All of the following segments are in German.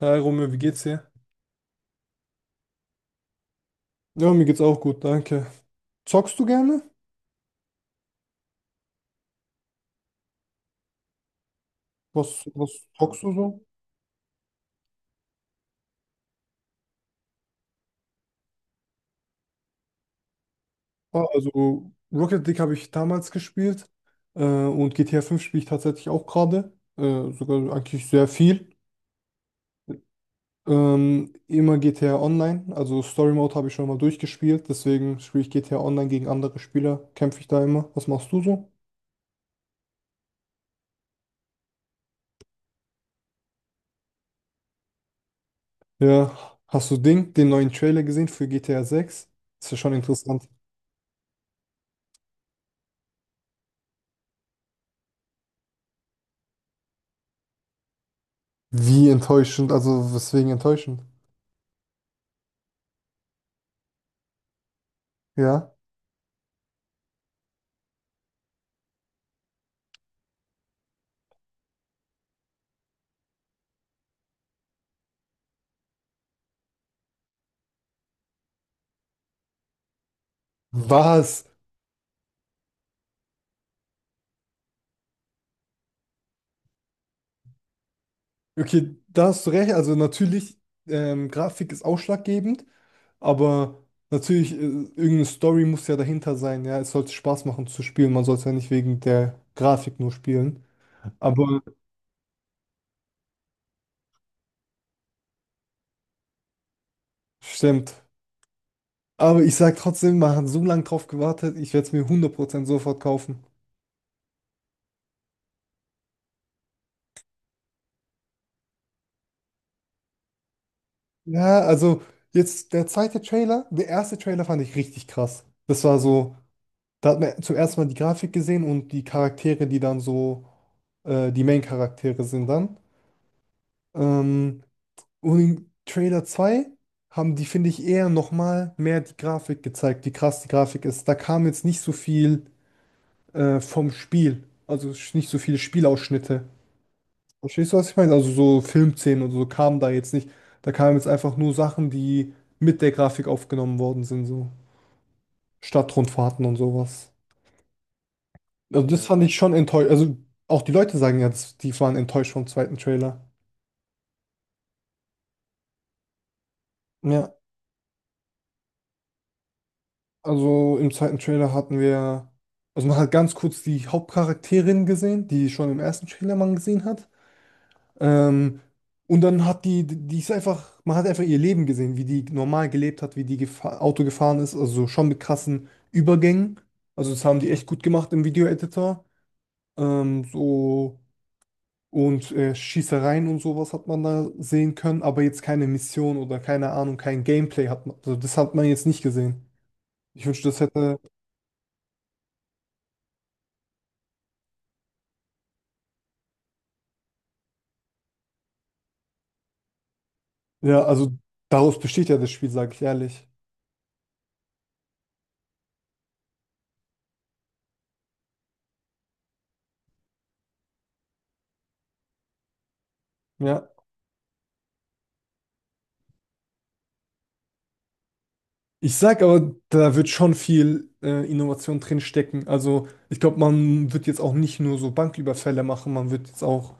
Hi Romeo, wie geht's dir? Ja, mir geht's auch gut, danke. Zockst du gerne? Was zockst du so? Ah, also Rocket League habe ich damals gespielt und GTA fünf spiele ich tatsächlich auch gerade, sogar eigentlich sehr viel. Immer GTA Online, also Story Mode habe ich schon mal durchgespielt, deswegen spiele ich GTA Online gegen andere Spieler, kämpfe ich da immer. Was machst du so? Ja, hast du Ding, den neuen Trailer gesehen für GTA sechs? Ist ja schon interessant. Wie enttäuschend, also weswegen enttäuschend? Ja. Was? Okay, da hast du recht. Also natürlich, Grafik ist ausschlaggebend, aber natürlich, irgendeine Story muss ja dahinter sein. Ja, es sollte Spaß machen zu spielen. Man sollte ja nicht wegen der Grafik nur spielen. Aber stimmt. Aber ich sag trotzdem, man hat so lange drauf gewartet, ich werde es mir 100% sofort kaufen. Ja, also jetzt der zweite Trailer, der erste Trailer fand ich richtig krass. Das war so. Da hat man zum ersten Mal die Grafik gesehen und die Charaktere, die dann so die Main-Charaktere sind dann. Ähm, und in Trailer 2 haben die, finde ich, eher nochmal mehr die Grafik gezeigt, wie krass die Grafik ist. Da kam jetzt nicht so viel vom Spiel, also nicht so viele Spielausschnitte. Verstehst du, was ich meine? Also so Filmszenen und so kamen da jetzt nicht. Da kamen jetzt einfach nur Sachen, die mit der Grafik aufgenommen worden sind, so Stadtrundfahrten und sowas. Also das Ja. fand ich schon enttäuscht. Also auch die Leute sagen jetzt, die waren enttäuscht vom zweiten Trailer. Ja, also im zweiten Trailer hatten wir, also man hat ganz kurz die Hauptcharakterin gesehen, die schon im ersten Trailer man gesehen hat. Ähm, und dann hat die, die ist einfach, man hat einfach ihr Leben gesehen, wie die normal gelebt hat, wie die gefa Auto gefahren ist, also schon mit krassen Übergängen. Also das haben die echt gut gemacht im Video-Editor. Ähm, so. Und Schießereien und sowas hat man da sehen können, aber jetzt keine Mission oder keine Ahnung, kein Gameplay hat man. Also das hat man jetzt nicht gesehen. Ich wünschte, das hätte. Ja, also daraus besteht ja das Spiel, sage ich ehrlich. Ja. Ich sag aber, da wird schon viel Innovation drin stecken. Also ich glaube, man wird jetzt auch nicht nur so Banküberfälle machen, man wird jetzt auch,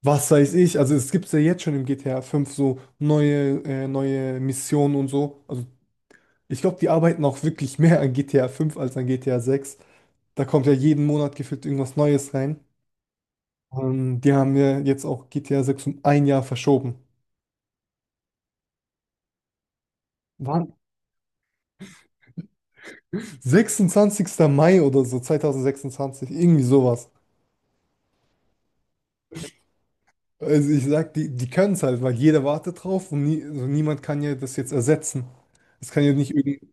was weiß ich, also es gibt ja jetzt schon im GTA 5 so neue, neue Missionen und so. Also ich glaube, die arbeiten auch wirklich mehr an GTA 5 als an GTA 6. Da kommt ja jeden Monat gefühlt irgendwas Neues rein. Die haben ja jetzt auch GTA 6 um ein Jahr verschoben. Wann? 26. Mai oder so, 2026, irgendwie sowas. Also ich sag, die können es halt, weil jeder wartet drauf und nie, also niemand kann ja das jetzt ersetzen. Es kann ja nicht irgendwie,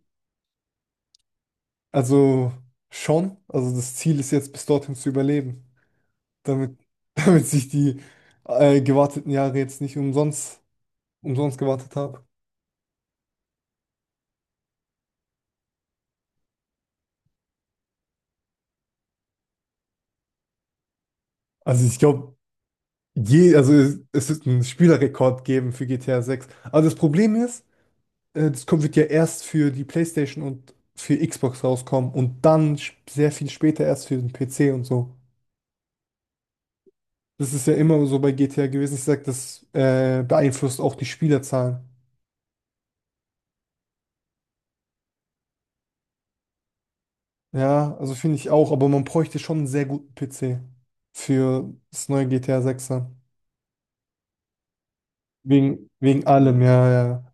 also schon, also das Ziel ist jetzt bis dorthin zu überleben, damit, damit sich die gewarteten Jahre jetzt nicht umsonst, umsonst gewartet haben. Also ich glaube, Je, also es wird einen Spielerrekord geben für GTA 6. Aber das Problem ist, das wird ja erst für die PlayStation und für Xbox rauskommen und dann sehr viel später erst für den PC und so. Das ist ja immer so bei GTA gewesen. Ich sag, das beeinflusst auch die Spielerzahlen. Ja, also finde ich auch, aber man bräuchte schon einen sehr guten PC für das neue GTA 6 dann. Wegen allem, ja, ja.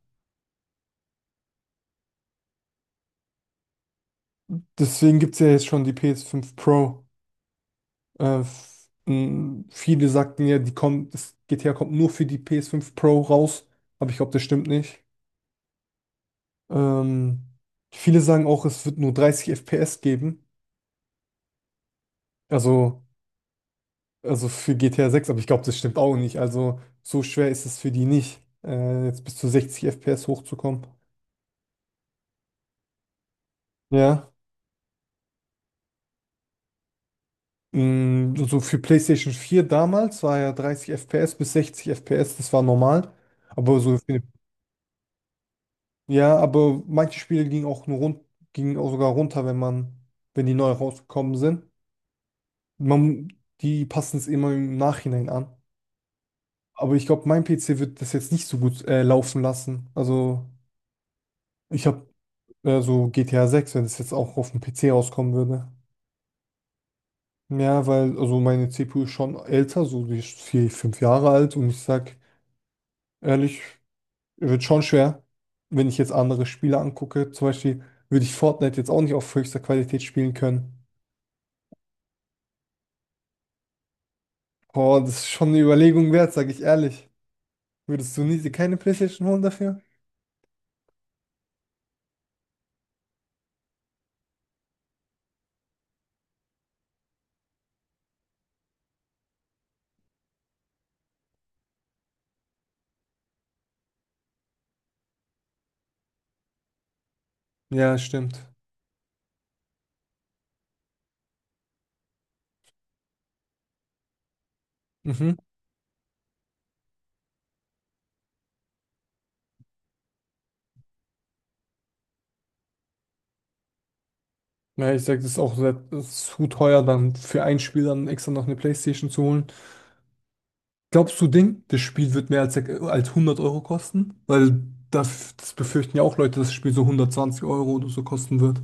Deswegen gibt es ja jetzt schon die PS5 Pro. Viele sagten ja, die kommt, das GTA kommt nur für die PS5 Pro raus, aber ich glaube, das stimmt nicht. Ähm, Viele sagen auch, es wird nur 30 FPS geben, also, also für GTA 6, aber ich glaube, das stimmt auch nicht. Also so schwer ist es für die nicht, jetzt bis zu 60 FPS hochzukommen. Ja. Mh, so für PlayStation 4 damals war ja 30 FPS bis 60 FPS, das war normal. Aber so für eine. Ja, aber manche Spiele gingen auch nur rund, gingen auch sogar runter, wenn man, wenn die neu rausgekommen sind. Man, die passen es immer im Nachhinein an. Aber ich glaube, mein PC wird das jetzt nicht so gut laufen lassen. Also ich habe so GTA 6, wenn es jetzt auch auf dem PC rauskommen würde. Ja, weil also meine CPU ist schon älter, so die ist vier, fünf Jahre alt und ich sag ehrlich, wird schon schwer, wenn ich jetzt andere Spiele angucke. Zum Beispiel würde ich Fortnite jetzt auch nicht auf höchster Qualität spielen können. Boah, das ist schon eine Überlegung wert, sag ich ehrlich. Würdest du nie, dir keine PlayStation holen dafür? Ja, stimmt. Mhm. Ja, ich sag, das ist auch sehr, das ist zu teuer, dann für ein Spiel dann extra noch eine PlayStation zu holen. Glaubst du, Ding, das Spiel wird mehr als, als 100 € kosten? Weil das, das befürchten ja auch Leute, dass das Spiel so 120 € oder so kosten wird.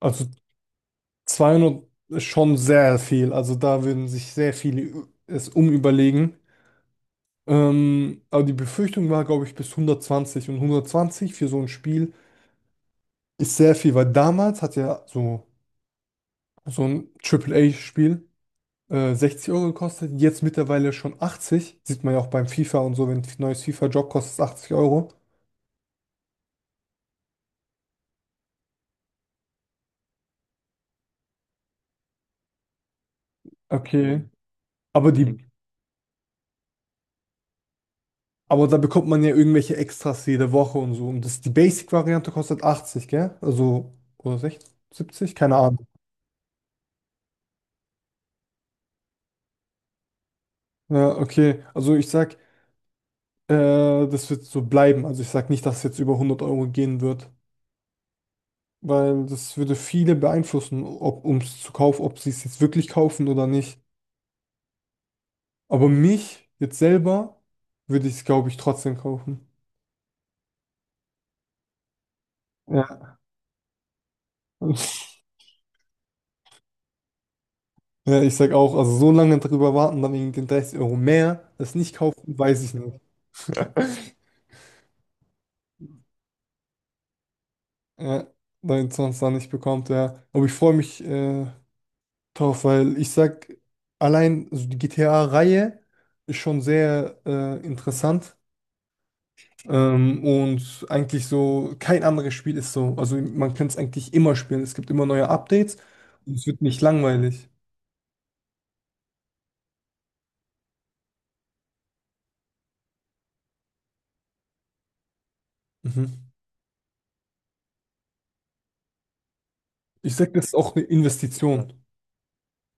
Also 200 ist schon sehr viel. Also da würden sich sehr viele es umüberlegen. Aber die Befürchtung war, glaube ich, bis 120. Und 120 für so ein Spiel ist sehr viel, weil damals hat ja so, so ein Triple A spiel 60 € gekostet. Jetzt mittlerweile schon 80. Sieht man ja auch beim FIFA und so, wenn ein neues FIFA-Job kostet, es 80 Euro. Okay. Aber die, Mhm. aber da bekommt man ja irgendwelche Extras jede Woche und so. Und das, die Basic-Variante kostet 80, gell? Also, oder 60? 70? Keine Ahnung. Ja, okay. Also ich sag, äh, das wird so bleiben. Also ich sag nicht, dass es jetzt über 100 € gehen wird, weil das würde viele beeinflussen, ob ums zu kaufen, ob sie es jetzt wirklich kaufen oder nicht. Aber mich jetzt selber würde ich es, glaube ich, trotzdem kaufen. Ja. Ja, ich sag auch, also so lange drüber warten, dann wegen den 30 € mehr, das nicht kaufen, weiß ich nicht. Ja, weil sonst dann nicht bekommt, ja. Aber ich freue mich, doch, weil ich sag, allein so die GTA-Reihe ist schon sehr interessant und eigentlich so kein anderes Spiel ist so. Also man kann es eigentlich immer spielen. Es gibt immer neue Updates und es wird nicht langweilig. Mhm. Ich sag, das ist auch eine Investition.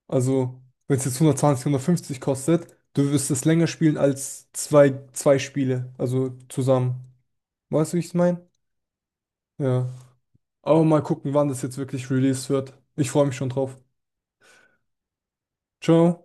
Also wenn es jetzt 120, 150 kostet, du wirst es länger spielen als zwei Spiele, also zusammen. Weißt du, wie ich es meine? Ja. Aber mal gucken, wann das jetzt wirklich released wird. Ich freue mich schon drauf. Ciao.